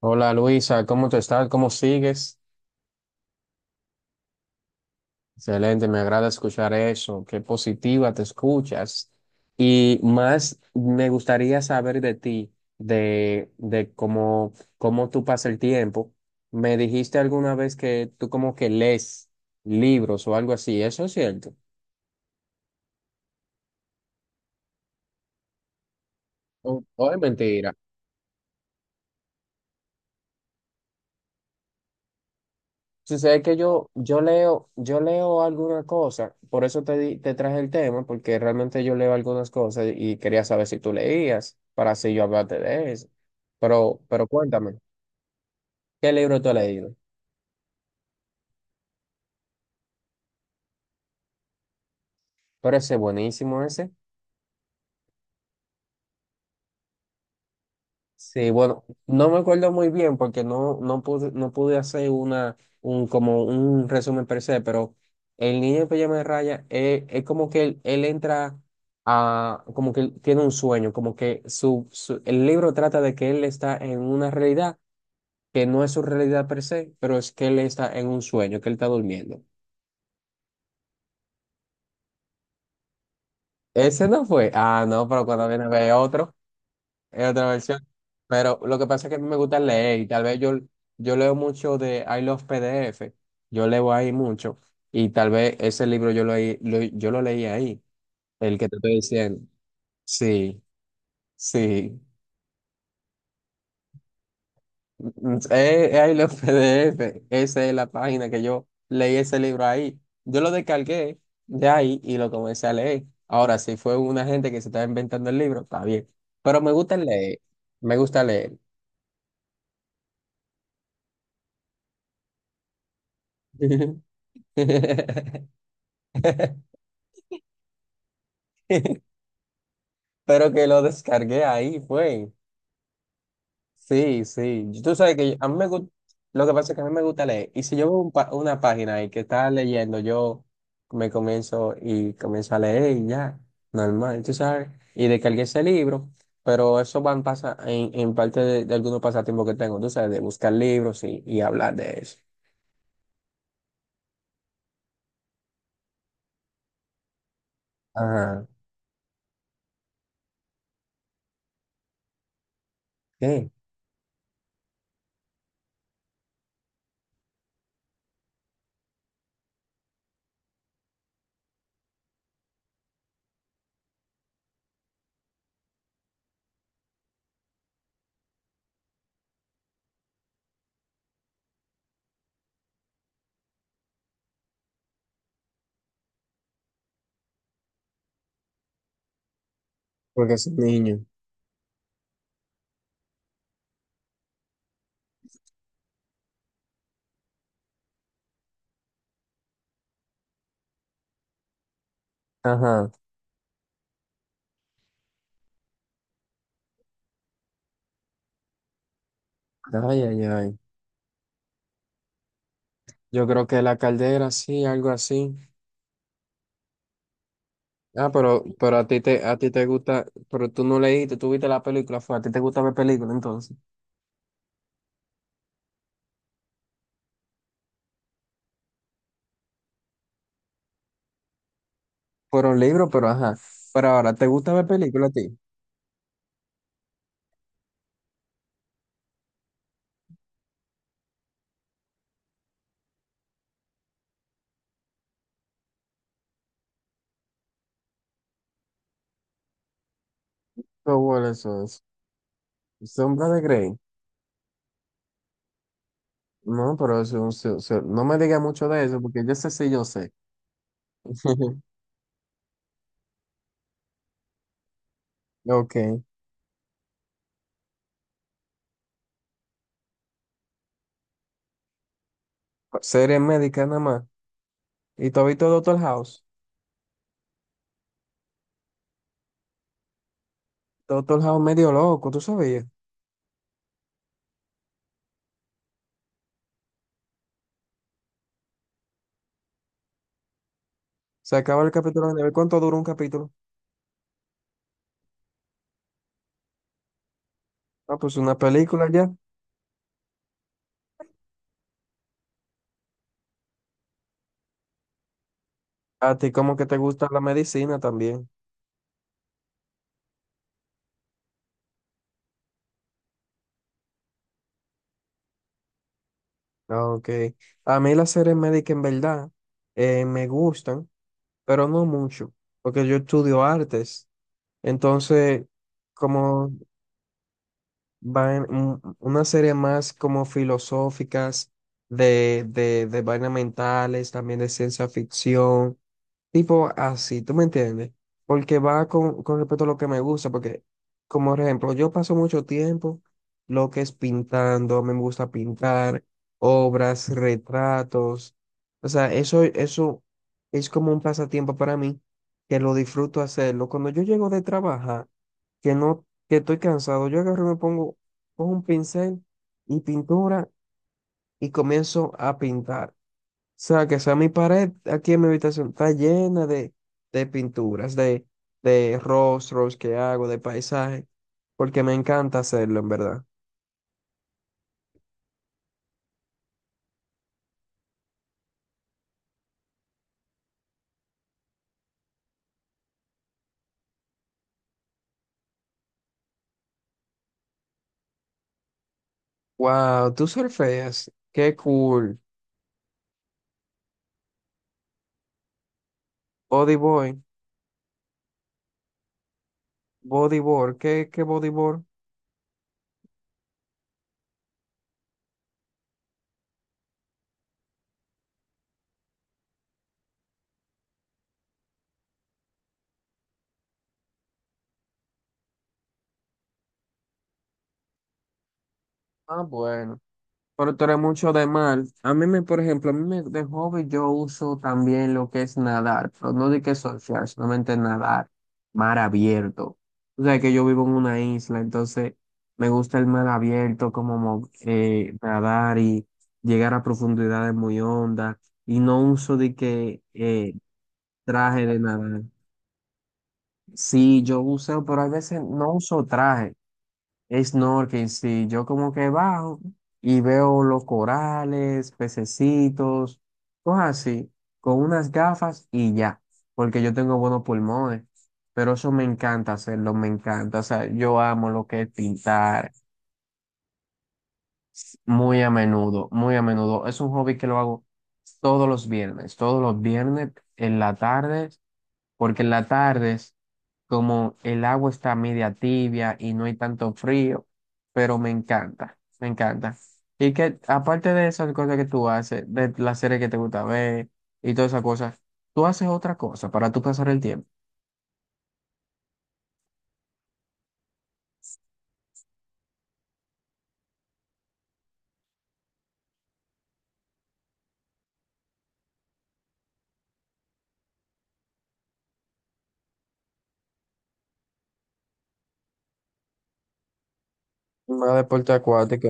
Hola Luisa, ¿cómo te estás? ¿Cómo sigues? Excelente, me agrada escuchar eso. Qué positiva te escuchas. Y más me gustaría saber de ti, de cómo tú pasas el tiempo. Me dijiste alguna vez que tú como que lees libros o algo así, ¿eso es cierto? ¿O es mentira? Sucede que yo leo alguna cosa, por eso te traje el tema, porque realmente yo leo algunas cosas y quería saber si tú leías, para así yo hablarte de eso. Pero cuéntame, ¿qué libro tú has leído? Pero ese es buenísimo ese. Sí, bueno, no me acuerdo muy bien porque no pude hacer como un resumen per se, pero el niño en pijama de raya es, como que él entra a, como que él tiene un sueño, como que el libro trata de que él está en una realidad que no es su realidad per se, pero es que él está en un sueño, que él está durmiendo. Ese no fue. Ah, no, pero cuando viene a ver otro. Es otra versión. Pero lo que pasa es que a mí me gusta leer y tal vez yo leo mucho de I Love PDF. Yo leo ahí mucho y tal vez ese libro yo lo leí ahí, el que te estoy diciendo. Sí, sí. Es I Love PDF. Esa es la página que yo leí ese libro ahí. Yo lo descargué de ahí y lo comencé a leer. Ahora, si fue una gente que se estaba inventando el libro, está bien. Pero me gusta leer. Me gusta leer. Pero que lo descargué ahí, fue. Sí, sí. Y tú sabes que a mí me gusta, lo que pasa es que a mí me gusta leer. Y si yo veo una página ahí que está leyendo, yo me comienzo y comienzo a leer y ya, normal, tú sabes. Y descargué ese libro, pero eso van pasa en parte de algunos pasatiempos que tengo, tú sabes, de buscar libros y hablar de eso. Ajá. ¿Qué? Porque es un niño. Ajá. Ay, ay, ay. Yo creo que la caldera, sí, algo así. Ah, pero a ti te gusta, pero tú no leíste, tú viste la película, fue, a ti te gusta ver películas entonces. Fueron libros, pero ajá. Pero ahora, ¿te gusta ver películas a ti? Pero bueno, eso es. Sombra de Grey. No, pero eso, no me digas mucho de eso, porque yo sé si yo sé. Ok. Series médicas nada más. ¿Y tú has visto Doctor House? Doctor House medio loco, ¿tú sabías? Se acaba el capítulo, de ver cuánto dura un capítulo. Ah, pues una película ya. A ti como que te gusta la medicina también. Ah, ok. A mí las series médicas en verdad me gustan, pero no mucho, porque yo estudio artes. Entonces, como van una serie más como filosóficas, de, de vainas mentales, también de ciencia ficción. Tipo así, ¿tú me entiendes? Porque va con respecto a lo que me gusta, porque, como por ejemplo, yo paso mucho tiempo lo que es pintando, me gusta pintar, obras, retratos. O sea, eso es como un pasatiempo para mí, que lo disfruto hacerlo. Cuando yo llego de trabajar, que no, que estoy cansado, yo agarro y me pongo un pincel y pintura y comienzo a pintar sea, que sea mi pared aquí en mi habitación, está llena de pinturas, de rostros que hago, de paisajes, porque me encanta hacerlo, en verdad. Wow, tú surfeas, qué cool. Bodyboy, bodyboard, ¿qué bodyboard? Ah, bueno. Pero tú eres mucho de mal. A mí me, por ejemplo, a mí me, de hobby yo uso también lo que es nadar, pero no de que surfear, solamente nadar, mar abierto. O sea que yo vivo en una isla, entonces me gusta el mar abierto, como nadar y llegar a profundidades muy hondas, y no uso de que traje de nadar. Sí, yo uso, pero a veces no uso traje. Snorkeling, sí, yo como que bajo y veo los corales, pececitos, cosas así, con unas gafas y ya, porque yo tengo buenos pulmones, pero eso me encanta hacerlo, me encanta, o sea, yo amo lo que es pintar muy a menudo, es un hobby que lo hago todos los viernes en la tarde porque en las tardes, como el agua está media tibia y no hay tanto frío, pero me encanta, me encanta. Y que aparte de esas cosas que tú haces, de las series que te gusta ver y todas esas cosas, tú haces otra cosa para tú pasar el tiempo. Más deporte acuático.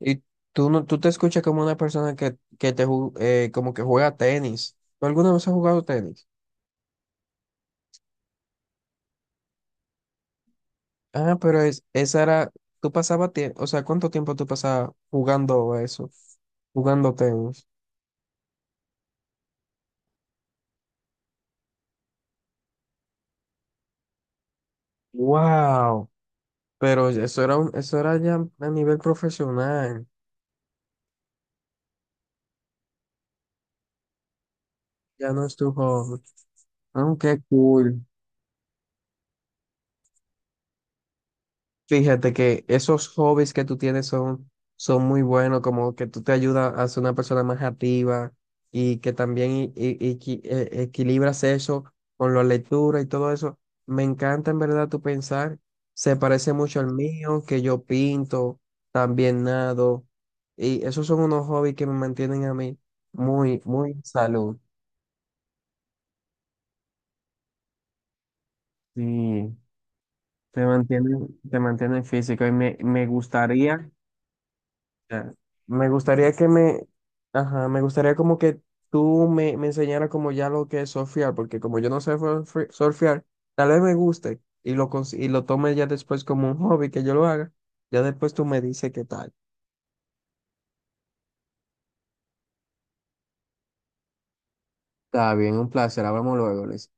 Y tú no, tú te escuchas como una persona que te como que juega tenis. ¿Tú alguna vez has jugado tenis? Ah, pero es, esa era, tú pasabas tiempo, o sea, ¿cuánto tiempo tú pasabas jugando a eso? Jugando tenis. Wow. Pero eso era un, eso era ya a nivel profesional. Ya no es tu hobby. Ah, qué cool. Fíjate que esos hobbies que tú tienes son, son muy buenos, como que tú te ayudas a ser una persona más activa y que también equilibras eso con la lectura y todo eso. Me encanta en verdad tu pensar, se parece mucho al mío, que yo pinto, también nado, y esos son unos hobbies que me mantienen a mí muy, muy en salud. Sí, te mantienen físico y me gustaría. Ya. Me gustaría que me, ajá, me gustaría como que tú me enseñaras como ya lo que es surfear, porque como yo no sé surfear, tal vez me guste y y lo tome ya después como un hobby que yo lo haga, ya después tú me dices qué tal. Está bien, un placer. Hablamos luego, Luis.